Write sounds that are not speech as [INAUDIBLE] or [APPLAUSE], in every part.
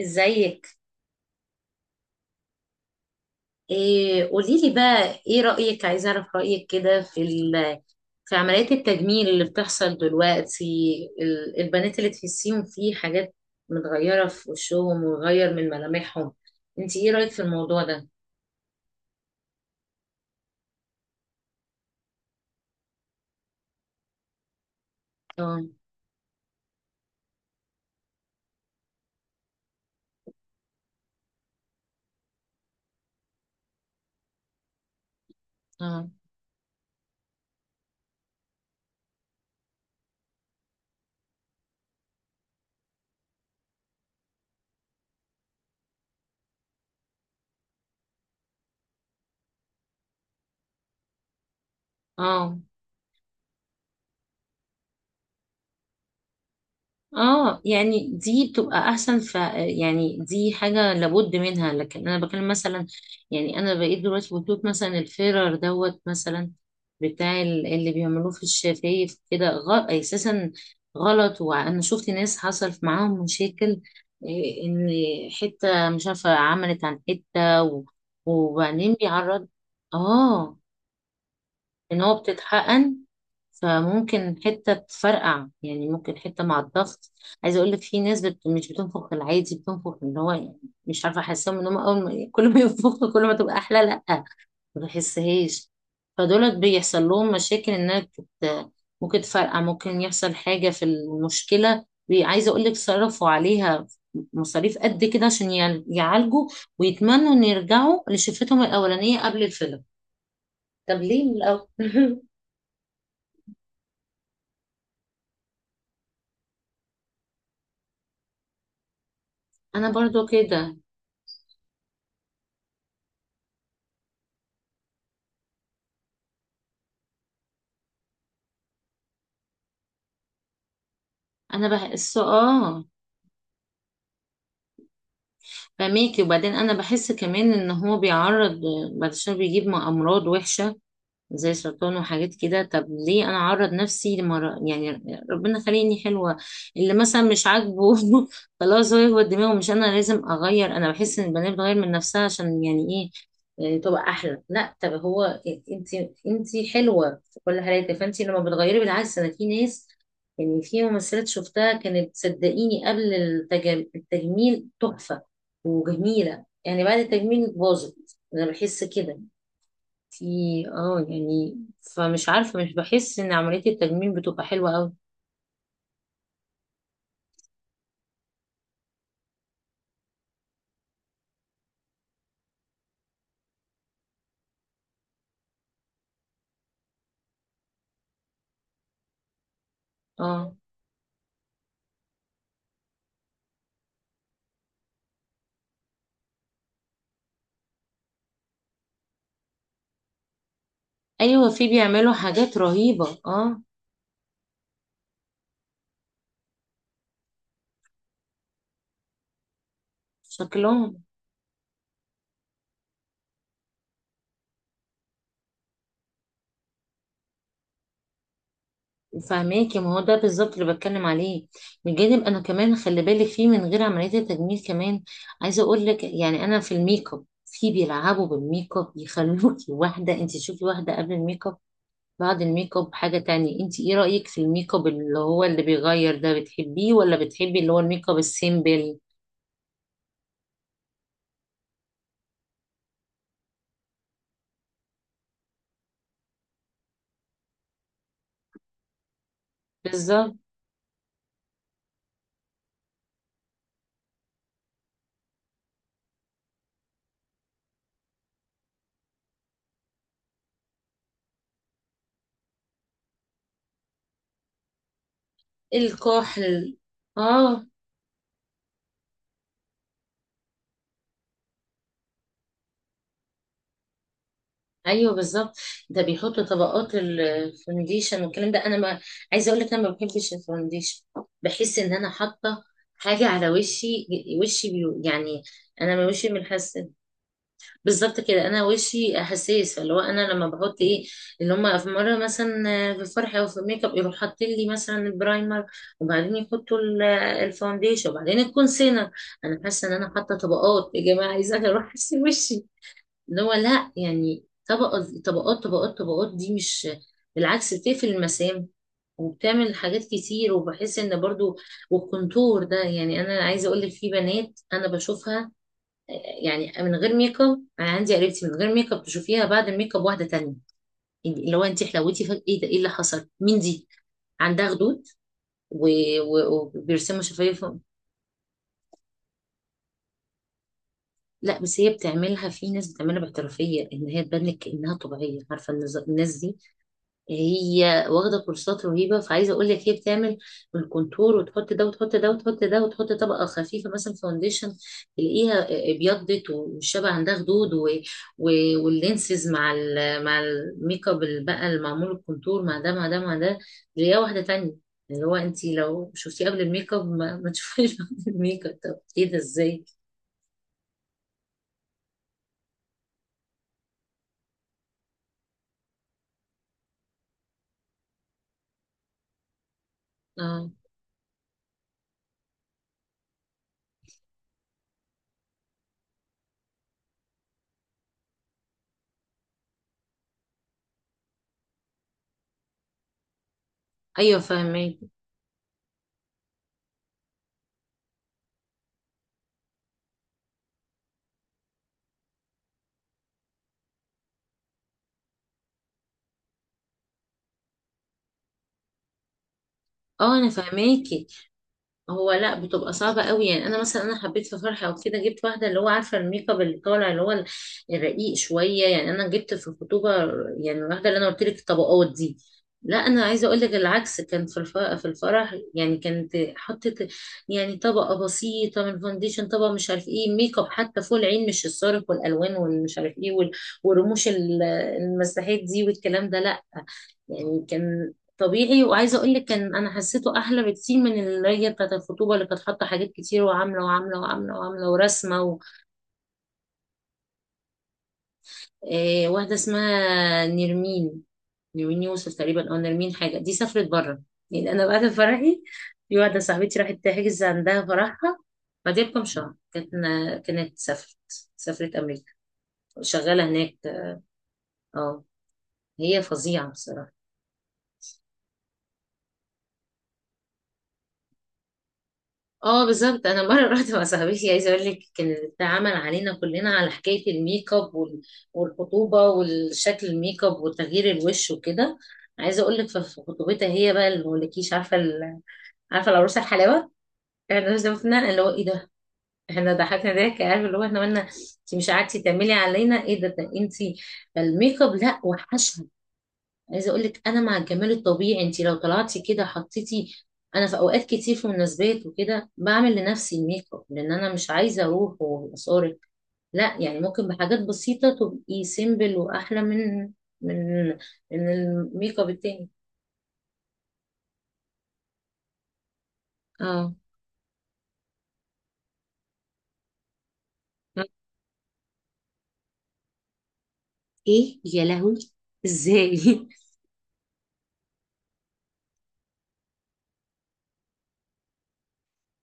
ازيك؟ إيه، قولي لي بقى، ايه رأيك، عايزه اعرف رأيك كده في في عمليات التجميل اللي بتحصل دلوقتي. البنات اللي تحسيهم في حاجات متغيرة في وشهم وغير من ملامحهم. انت ايه رأيك في الموضوع ده؟ اه. اه. اه. اه. يعني دي بتبقى احسن، يعني دي حاجه لابد منها، لكن انا بكلم مثلا، يعني انا بقيت دلوقتي بشوف مثلا الفيرر دوت مثلا بتاع اللي بيعملوه في الشفايف كده، اساسا غلط. وانا شفت ناس حصل معاهم مشاكل. إيه، ان حته مش عارفه عملت عن حته وبعدين بيعرض. اه. ان هو بتتحقن، فممكن حتة تفرقع، يعني ممكن حتة مع الضغط. عايزة اقول لك في ناس مش بتنفخ العادي، بتنفخ اللي هو يعني مش عارفة، احسهم ان هم اول ما [LAUGHS] كل ما ينفخوا كل ما تبقى احلى. لا، ما بحسهاش. فدولت بيحصل لهم مشاكل، انها ممكن تفرقع، ممكن يحصل حاجة في المشكلة، عايزة اقول لك صرفوا عليها مصاريف قد كده عشان يعالجوا ويتمنوا ان يرجعوا لشفتهم الاولانية قبل الفيلم. طب ليه من الاول؟ [LAUGHS] انا برضو كده. انا بحس. اه. فميكي، وبعدين انا بحس كمان ان هو بيعرض بعد شويه بيجيب امراض وحشه، زي سرطان وحاجات كده. طب ليه انا اعرض نفسي لمرا يعني؟ ربنا خليني حلوه اللي مثلا مش عاجبه. [LAUGHS] خلاص، هو هو دماغه، مش انا لازم اغير. انا بحس ان البنات بتغير من نفسها عشان يعني ايه، آه، تبقى احلى؟ لا. طب هو، انت انت حلوه في كل حالاتك، فانت لما بتغيري بالعكس. انا في ناس، يعني في ممثلات شفتها كانت صدقيني قبل التجميل تحفه وجميله، يعني بعد التجميل باظت. انا بحس كده. في اه يعني، فمش عارفة، مش بحس ان عملية التجميل بتبقى حلوة قوي. اه. ايوه، في بيعملوا حاجات رهيبة. اه. شكلهم. فهماكي، ما هو ده بالظبط اللي بتكلم عليه. بجانب انا كمان، خلي بالك في من غير عملية التجميل كمان. عايزة اقول لك يعني انا في الميك اب، في بيلعبوا بالميك اب يخلوكي واحدة، انت تشوفي واحدة قبل الميك اب بعد الميك اب حاجة تانية. انت ايه رأيك في الميك اب اللي هو اللي بيغير ده، بتحبيه ولا بتحبي اللي هو الميك اب السيمبل؟ بالظبط، الكحل. اه. ايوه بالظبط. ده بيحطوا طبقات الفونديشن والكلام ده. انا ما، عايزه اقول لك، انا ما بحبش الفونديشن. بحس ان انا حاطه حاجه على وشي. وشي يعني انا من وشي منحسن. بالظبط كده، انا وشي حساس. فاللي هو، انا لما بحط ايه اللي هم في مره مثلا في الفرح او في الميك اب، يروح حاطين لي مثلا البرايمر، وبعدين يحطوا الفونديشن، وبعدين الكونسيلر. انا حاسه ان انا حاطه طبقات، يا جماعه عايزه اروح اغسل وشي. اللي هو لا، يعني طبقة طبقات طبقات طبقات، دي مش بالعكس بتقفل المسام، وبتعمل حاجات كتير، وبحس ان برضو. والكونتور ده يعني، انا عايزه اقول لك في بنات انا بشوفها. آه، يعني من غير ميك اب انا عندي قريبتي، من غير ميك اب تشوفيها بعد الميك اب واحده تانية. يعني اللي هو انت حلوتي فجأة، ايه ده، ايه اللي حصل، مين دي؟ عندها خدود، وبيرسموا شفايف. لا بس هي بتعملها. في ناس بتعملها باحترافيه ان هي تبان لك انها طبيعيه. عارفه، الناس دي هي واخده كورسات رهيبه. فعايزه اقول لك هي بتعمل الكونتور وتحط ده وتحط ده وتحط ده، وتحط طبقه خفيفه مثلا فاونديشن. تلاقيها ابيضت، والشبع عندها خدود و... واللينسز مع مع الميك اب اللي بقى المعمول، الكونتور مع ده مع ده مع ده، تلاقيها واحده تانية. اللي هو انت لو شفتيه قبل الميك اب ما تشوفيش [LAUGHS] بعد الميك اب. طب ايه ده، ازاي؟ اه، ايوه فاهماكي. اه، انا فاهماكي. هو لا بتبقى صعبة قوي. يعني انا مثلا انا حبيت في فرحة وكده جبت واحدة اللي هو عارفة الميك اب اللي طالع اللي هو الرقيق شوية. يعني انا جبت في الخطوبة يعني الواحدة اللي انا قلت لك الطبقات دي. لا انا عايزة اقول لك العكس، كان في في الفرح يعني كانت حطت يعني طبقة بسيطة من فونديشن، طبقة مش عارف ايه، ميك اب حتى فوق العين، مش الصارخ والالوان والمش عارف ايه والرموش المساحات دي والكلام ده. يعني كان طبيعي، وعايزه اقول لك كان، انا حسيته احلى بكتير من اللي بتاعت الخطوبه اللي كانت حاطه حاجات كتير وعامله وعامله وعامله وعامله ورسمه آه، واحده اسمها نرمين. نرمين يوسف تقريبا، او نرمين حاجه. دي سافرت بره. يعني انا بعد فرحي، في واحده صاحبتي راحت تحجز عندها فرحها بعدها بكام شهر. كانت سافرت، سافرت امريكا. شغاله هناك. اه. هي فظيعه بصراحه. اه بالظبط. انا مره [LAUGHS] رحت مع صاحبتي. عايزه اقول لك كان اتعمل علينا كلنا على حكايه الميك اب والخطوبه، والشكل، الميك اب، وتغيير الوش وكده. عايزه اقول لك في خطوبتها هي بقى اللي مولكيش، عارفه عارفه العروسه الحلاوه. احنا شفنا اللي هو ايه ده. احنا ضحكنا ضحك. عارف اللي هو احنا قلنا انت مش قعدتي تعملي علينا؟ ايه ده انت الميك اب لا وحش. عايزه اقول لك انا مع الجمال الطبيعي. انت لو طلعتي كده حطيتي. انا في اوقات كتير في مناسبات وكده بعمل لنفسي الميك اب لان انا مش عايزه اروح واصارك. لا يعني، ممكن بحاجات بسيطه تبقي سيمبل واحلى من من من الميك اب التاني. اه. ايه يا لهوي، ازاي؟ [LAUGHS]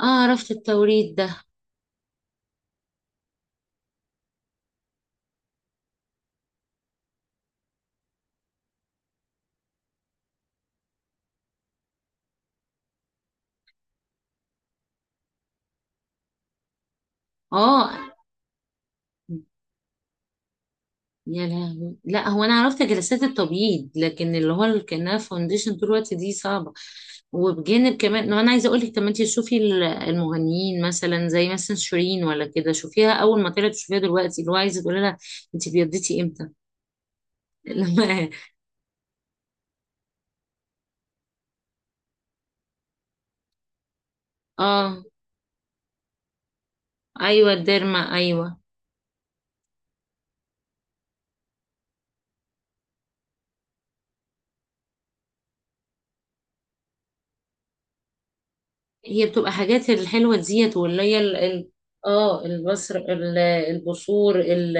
اه، عرفت التوريد ده. اه يا لهوي. لا هو انا عرفت جلسات التبييض، لكن اللي هو اللي كانها فاونديشن طول الوقت دي صعبه. وبجانب كمان، انا عايزه اقول لك طب ما انت شوفي المغنيين مثلا زي مثلا شيرين ولا كده، شوفيها اول ما طلعت، شوفيها دلوقتي. اللي هو عايزه تقولي لها انت بيضتي امتى؟ [LAUGHS] لما. اه ايوه، الديرما ايوه. هي بتبقى حاجات الحلوه ديت، واللي هي اه البصر البصور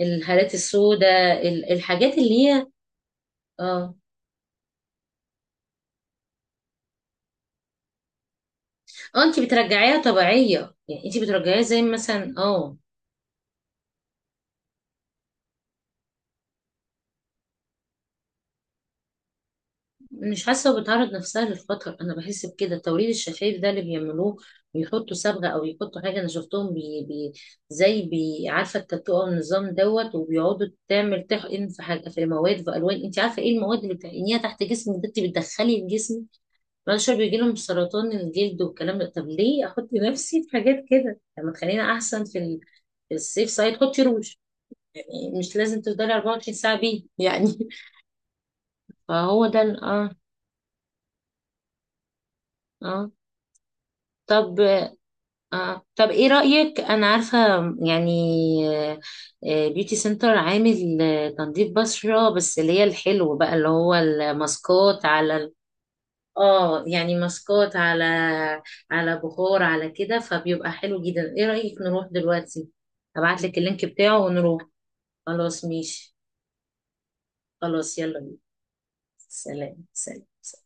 الهالات السوداء، الحاجات اللي هي. اه. اه، انت بترجعيها طبيعية يعني، انت بترجعيها زي مثلا. اه. مش حاسة، بتعرض نفسها للخطر. انا بحس بكده. التوريد الشفايف ده اللي بيعملوه، بيحطوا صبغة، او يحطوا حاجة. انا شفتهم بي بي، زي بي عارفة التاتو او النظام دوت. وبيقعدوا تعمل تحقن في حاجة، في مواد، في الوان. انت عارفة ايه المواد اللي بتحقنيها تحت جسمك؟ ده انت بتدخلي الجسم. بعد شوية بيجي لهم سرطان الجلد والكلام ده. طب ليه احط نفسي في حاجات كده؟ طب ما تخلينا احسن في في السيف سايد. حطي روج، يعني مش لازم تفضلي 24 ساعة بيه يعني. [LAUGHS] فهو ده اه. اه، طب. اه طب، ايه رأيك؟ انا عارفة يعني بيوتي سنتر عامل تنظيف بشرة بس، اللي هي الحلو بقى اللي هو الماسكات على اه، يعني ماسكات على بخار على كده. فبيبقى حلو جدا. ايه رأيك نروح دلوقتي؟ ابعت لك اللينك بتاعه ونروح. خلاص ماشي. خلاص يلا بينا. سلام سلام.